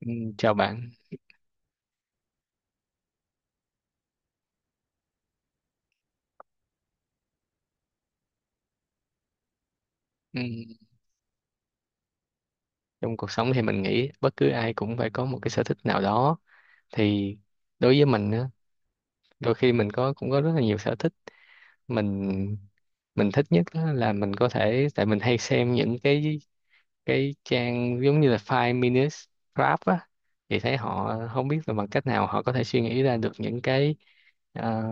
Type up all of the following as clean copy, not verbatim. Ừ. Chào bạn. Ừ. Trong cuộc sống thì mình nghĩ bất cứ ai cũng phải có một cái sở thích nào đó. Thì đối với mình á, đôi khi mình cũng có rất là nhiều sở thích. Mình mình thích nhất á là mình có thể, tại mình hay xem những cái trang giống như là Five Minutes Craft á, thì thấy họ không biết là bằng cách nào họ có thể suy nghĩ ra được những ờ,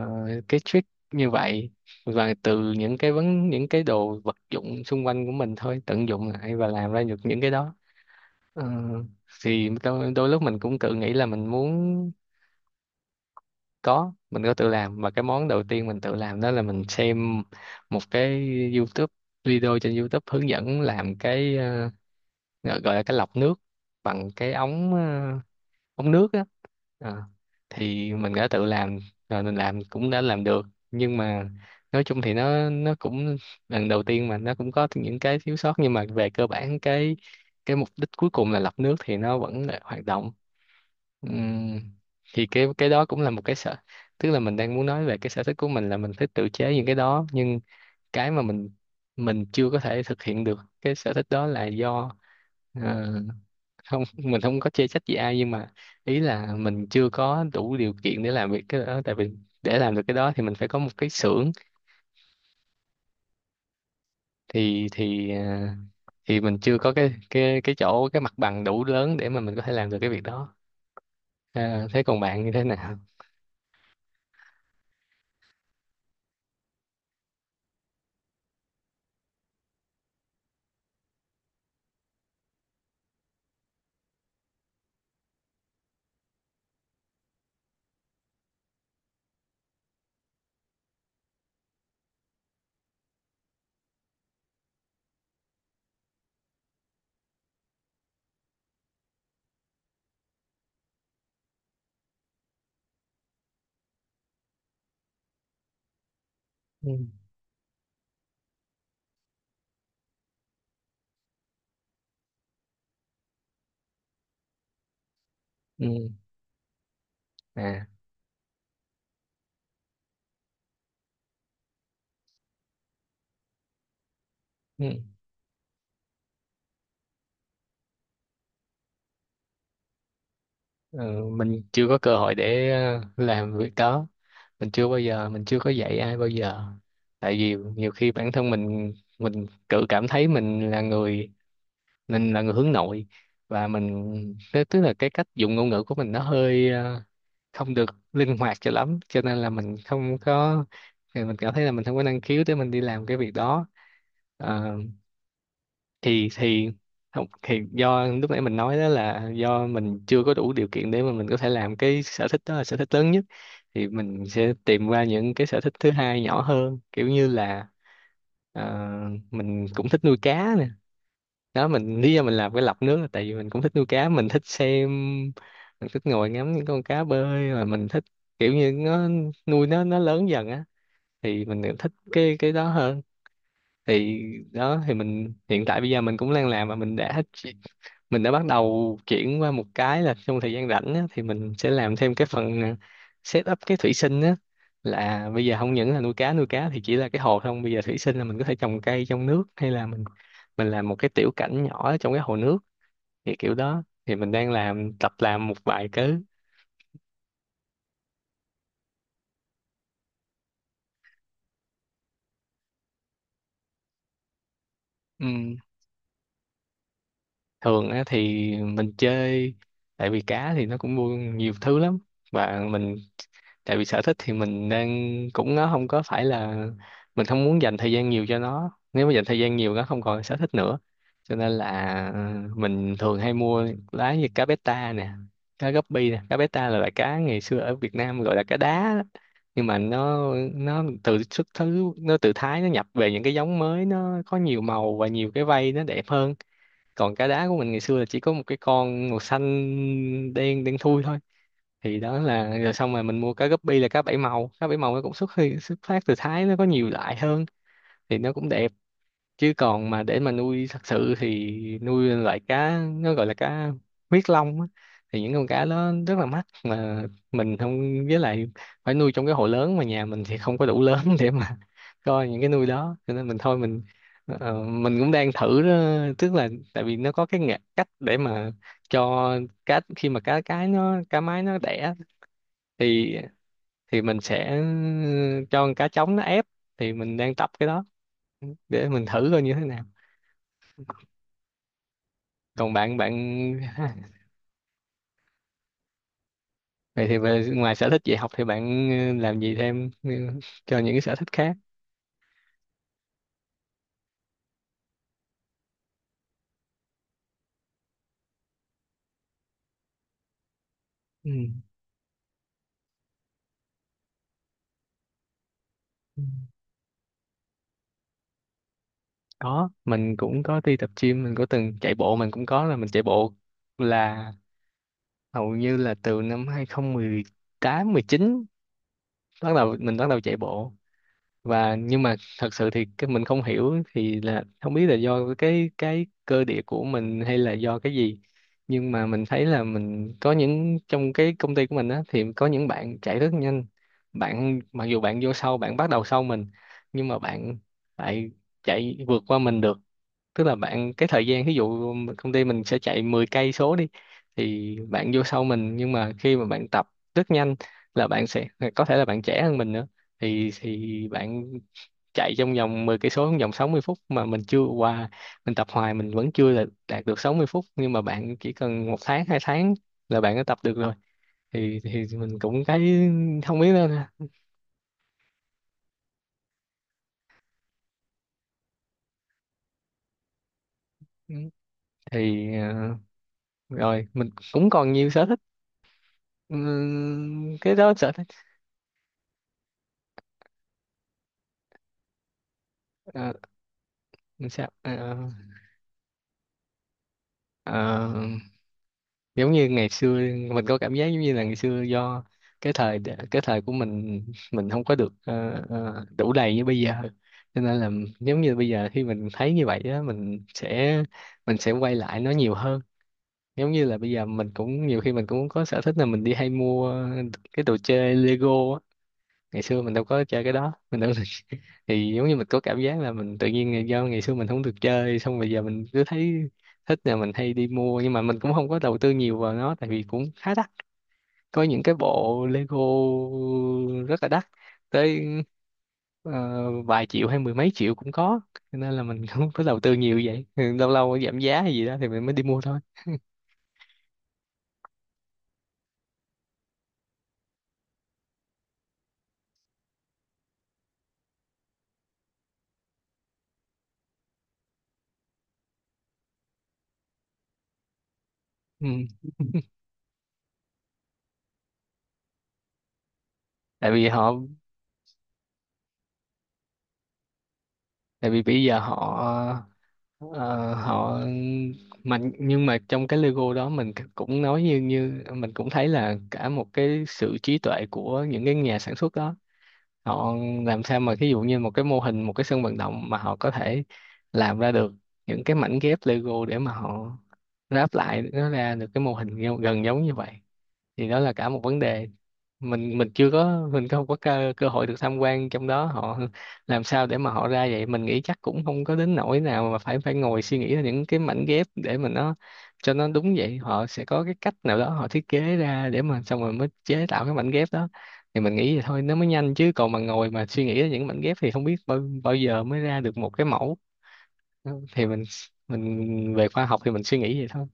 cái trick như vậy, và từ những cái vấn những cái đồ vật dụng xung quanh của mình thôi, tận dụng lại và làm ra được những cái đó. Ờ, thì đôi lúc mình cũng tự nghĩ là mình muốn. Có, mình có tự làm, và cái món đầu tiên mình tự làm đó là mình xem một cái YouTube video trên YouTube hướng dẫn làm cái gọi gọi là cái lọc nước bằng cái ống nước á. Ờ, thì mình đã tự làm rồi, mình làm cũng đã làm được, nhưng mà nói chung thì nó cũng lần đầu tiên mà nó cũng có những cái thiếu sót, nhưng mà về cơ bản cái mục đích cuối cùng là lọc nước thì nó vẫn là hoạt động. Ừm, thì cái đó cũng là một cái sở tức là mình đang muốn nói về cái sở thích của mình là mình thích tự chế những cái đó, nhưng cái mà mình chưa có thể thực hiện được cái sở thích đó là do, ờ, không, mình không có chê trách gì ai, nhưng mà ý là mình chưa có đủ điều kiện để làm việc cái đó. Tại vì để làm được cái đó thì mình phải có một cái xưởng, thì thì mình chưa có cái mặt bằng đủ lớn để mà mình có thể làm được cái việc đó. Thế còn bạn như thế nào? Ừ. Ừ. À. Ừ. Ờ, mình chưa có cơ hội để làm việc đó. Mình chưa có dạy ai bao giờ. Tại vì nhiều khi bản thân mình tự cảm thấy mình là người hướng nội. Và mình tức tức là cái cách dùng ngôn ngữ của mình nó hơi không được linh hoạt cho lắm, cho nên là mình không có. Thì mình cảm thấy là mình không có năng khiếu để mình đi làm cái việc đó. Ờ, thì không, thì do lúc nãy mình nói đó là do mình chưa có đủ điều kiện để mà mình có thể làm cái sở thích đó là sở thích lớn nhất, thì mình sẽ tìm ra những cái sở thích thứ hai nhỏ hơn, kiểu như là ờ, mình cũng thích nuôi cá nè. Đó, lý do mình làm cái lọc nước là tại vì mình cũng thích nuôi cá, mình thích xem, mình thích ngồi ngắm những con cá bơi, và mình thích kiểu như nó, nuôi nó lớn dần á, thì mình thích cái đó hơn. Thì đó, thì mình hiện tại bây giờ mình cũng đang làm, mà mình đã bắt đầu chuyển qua một cái là trong thời gian rảnh á, thì mình sẽ làm thêm cái phần, set up cái thủy sinh á. Là bây giờ không những là nuôi cá thì chỉ là cái hồ không, bây giờ thủy sinh là mình có thể trồng cây trong nước, hay là mình làm một cái tiểu cảnh nhỏ trong cái hồ nước. Thì kiểu đó thì mình đang làm tập làm một vài cái. Thường á thì mình chơi, tại vì cá thì nó cũng mua nhiều thứ lắm. Và mình, tại vì sở thích thì mình đang, cũng nó không có phải là, mình không muốn dành thời gian nhiều cho nó, nếu mà dành thời gian nhiều nó không còn sở thích nữa. Cho nên là mình thường hay mua lá như cá beta nè, cá guppy nè. Cá beta là loại cá ngày xưa ở Việt Nam gọi là cá đá đó. Nhưng mà nó từ xuất xứ nó từ Thái, nó nhập về những cái giống mới, nó có nhiều màu và nhiều cái vây nó đẹp hơn. Còn cá đá của mình ngày xưa là chỉ có một cái con màu xanh đen đen thui thôi. Thì đó là, rồi xong rồi mình mua cá guppy là Cá bảy màu nó cũng xuất phát từ Thái, nó có nhiều loại hơn, thì nó cũng đẹp. Chứ còn mà để mà nuôi thật sự thì nuôi loại cá nó gọi là cá huyết long á, thì những con cá đó rất là mắc mà. Mình không, với lại phải nuôi trong cái hồ lớn, mà nhà mình thì không có đủ lớn để mà coi những cái nuôi đó, cho nên mình thôi. Mình cũng đang thử đó, tức là tại vì nó có cái cách để mà cho cá, khi mà cá mái nó đẻ thì thì mình sẽ cho con cá trống nó ép, thì mình đang tập cái đó để mình thử coi như thế nào. Còn bạn bạn vậy thì về ngoài sở thích dạy học thì bạn làm gì thêm cho những cái sở thích khác? Ừ. Ừ. Có, mình cũng có đi tập gym, mình có từng chạy bộ, mình cũng có là mình chạy bộ là hầu như là từ năm 2018, 19 bắt đầu, mình bắt đầu chạy bộ. Và nhưng mà thật sự thì cái mình không hiểu thì là không biết là do cái cơ địa của mình hay là do cái gì, nhưng mà mình thấy là mình có những, trong cái công ty của mình á thì có những bạn chạy rất nhanh. Bạn mặc dù bạn vô sau, bạn bắt đầu sau mình, nhưng mà bạn lại chạy vượt qua mình được. Tức là bạn cái thời gian, ví dụ công ty mình sẽ chạy 10 cây số đi, thì bạn vô sau mình nhưng mà khi mà bạn tập rất nhanh, là bạn sẽ có thể, là bạn trẻ hơn mình nữa, thì bạn chạy trong vòng 10 cây số trong vòng 60 phút mà mình chưa qua. Mình tập hoài mình vẫn chưa là đạt được 60 phút, nhưng mà bạn chỉ cần 1 tháng 2 tháng là bạn đã tập được rồi. Thì mình cũng cái không biết nữa nè. Ừ. Thì rồi mình cũng còn nhiều sở thích. Ừ, cái đó sở thích. Ờ, sao ờ, ờ, Giống như ngày xưa, mình có cảm giác giống như là ngày xưa do cái thời cái thời của mình không có được đủ đầy như bây giờ, cho nên là giống như bây giờ khi mình thấy như vậy á, mình sẽ quay lại nó nhiều hơn. Giống như là bây giờ mình cũng nhiều khi mình cũng có sở thích là mình đi hay mua cái đồ chơi Lego á. Ngày xưa mình đâu có chơi cái đó, mình đâu. Thì giống như mình có cảm giác là mình tự nhiên do ngày xưa mình không được chơi, xong bây giờ mình cứ thấy thích là mình hay đi mua, nhưng mà mình cũng không có đầu tư nhiều vào nó tại vì cũng khá đắt. Có những cái bộ Lego rất là đắt tới ờ, vài triệu hay mười mấy triệu cũng có, cho nên là mình không có đầu tư nhiều vậy. Ừ, lâu lâu giảm giá hay gì đó thì mình mới đi mua thôi. Ừ. tại vì họ Tại vì bây giờ họ, họ, mình, nhưng mà trong cái logo đó mình c- cũng nói, như như mình cũng thấy là cả một cái sự trí tuệ của những cái nhà sản xuất đó. Họ làm sao mà ví dụ như một cái mô hình, một cái sân vận động mà họ có thể làm ra được những cái mảnh ghép Lego, để mà họ ráp lại nó ra được cái mô hình gần giống như vậy, thì đó là cả một vấn đề. Mình chưa có, mình không có cơ hội được tham quan trong đó họ làm sao để mà họ ra vậy. Mình nghĩ chắc cũng không có đến nỗi nào mà phải phải ngồi suy nghĩ ra những cái mảnh ghép để mà nó cho nó đúng vậy. Họ sẽ có cái cách nào đó họ thiết kế ra để mà xong rồi mới chế tạo cái mảnh ghép đó, thì mình nghĩ vậy thôi nó mới nhanh. Chứ còn mà ngồi mà suy nghĩ ra những mảnh ghép thì không biết bao giờ mới ra được một cái mẫu. Thì mình về khoa học thì mình suy nghĩ vậy thôi.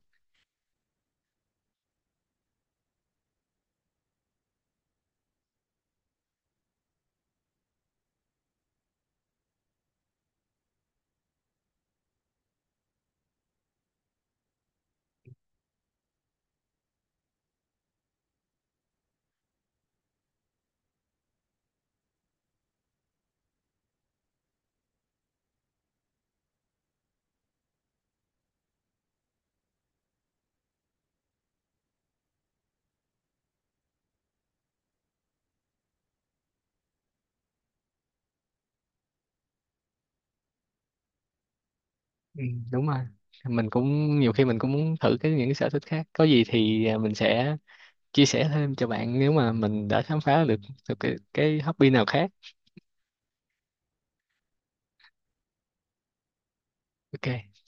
Ừ, đúng rồi. Mình cũng nhiều khi mình cũng muốn thử cái những cái sở thích khác, có gì thì mình sẽ chia sẻ thêm cho bạn nếu mà mình đã khám phá được được cái hobby nào khác. Ok.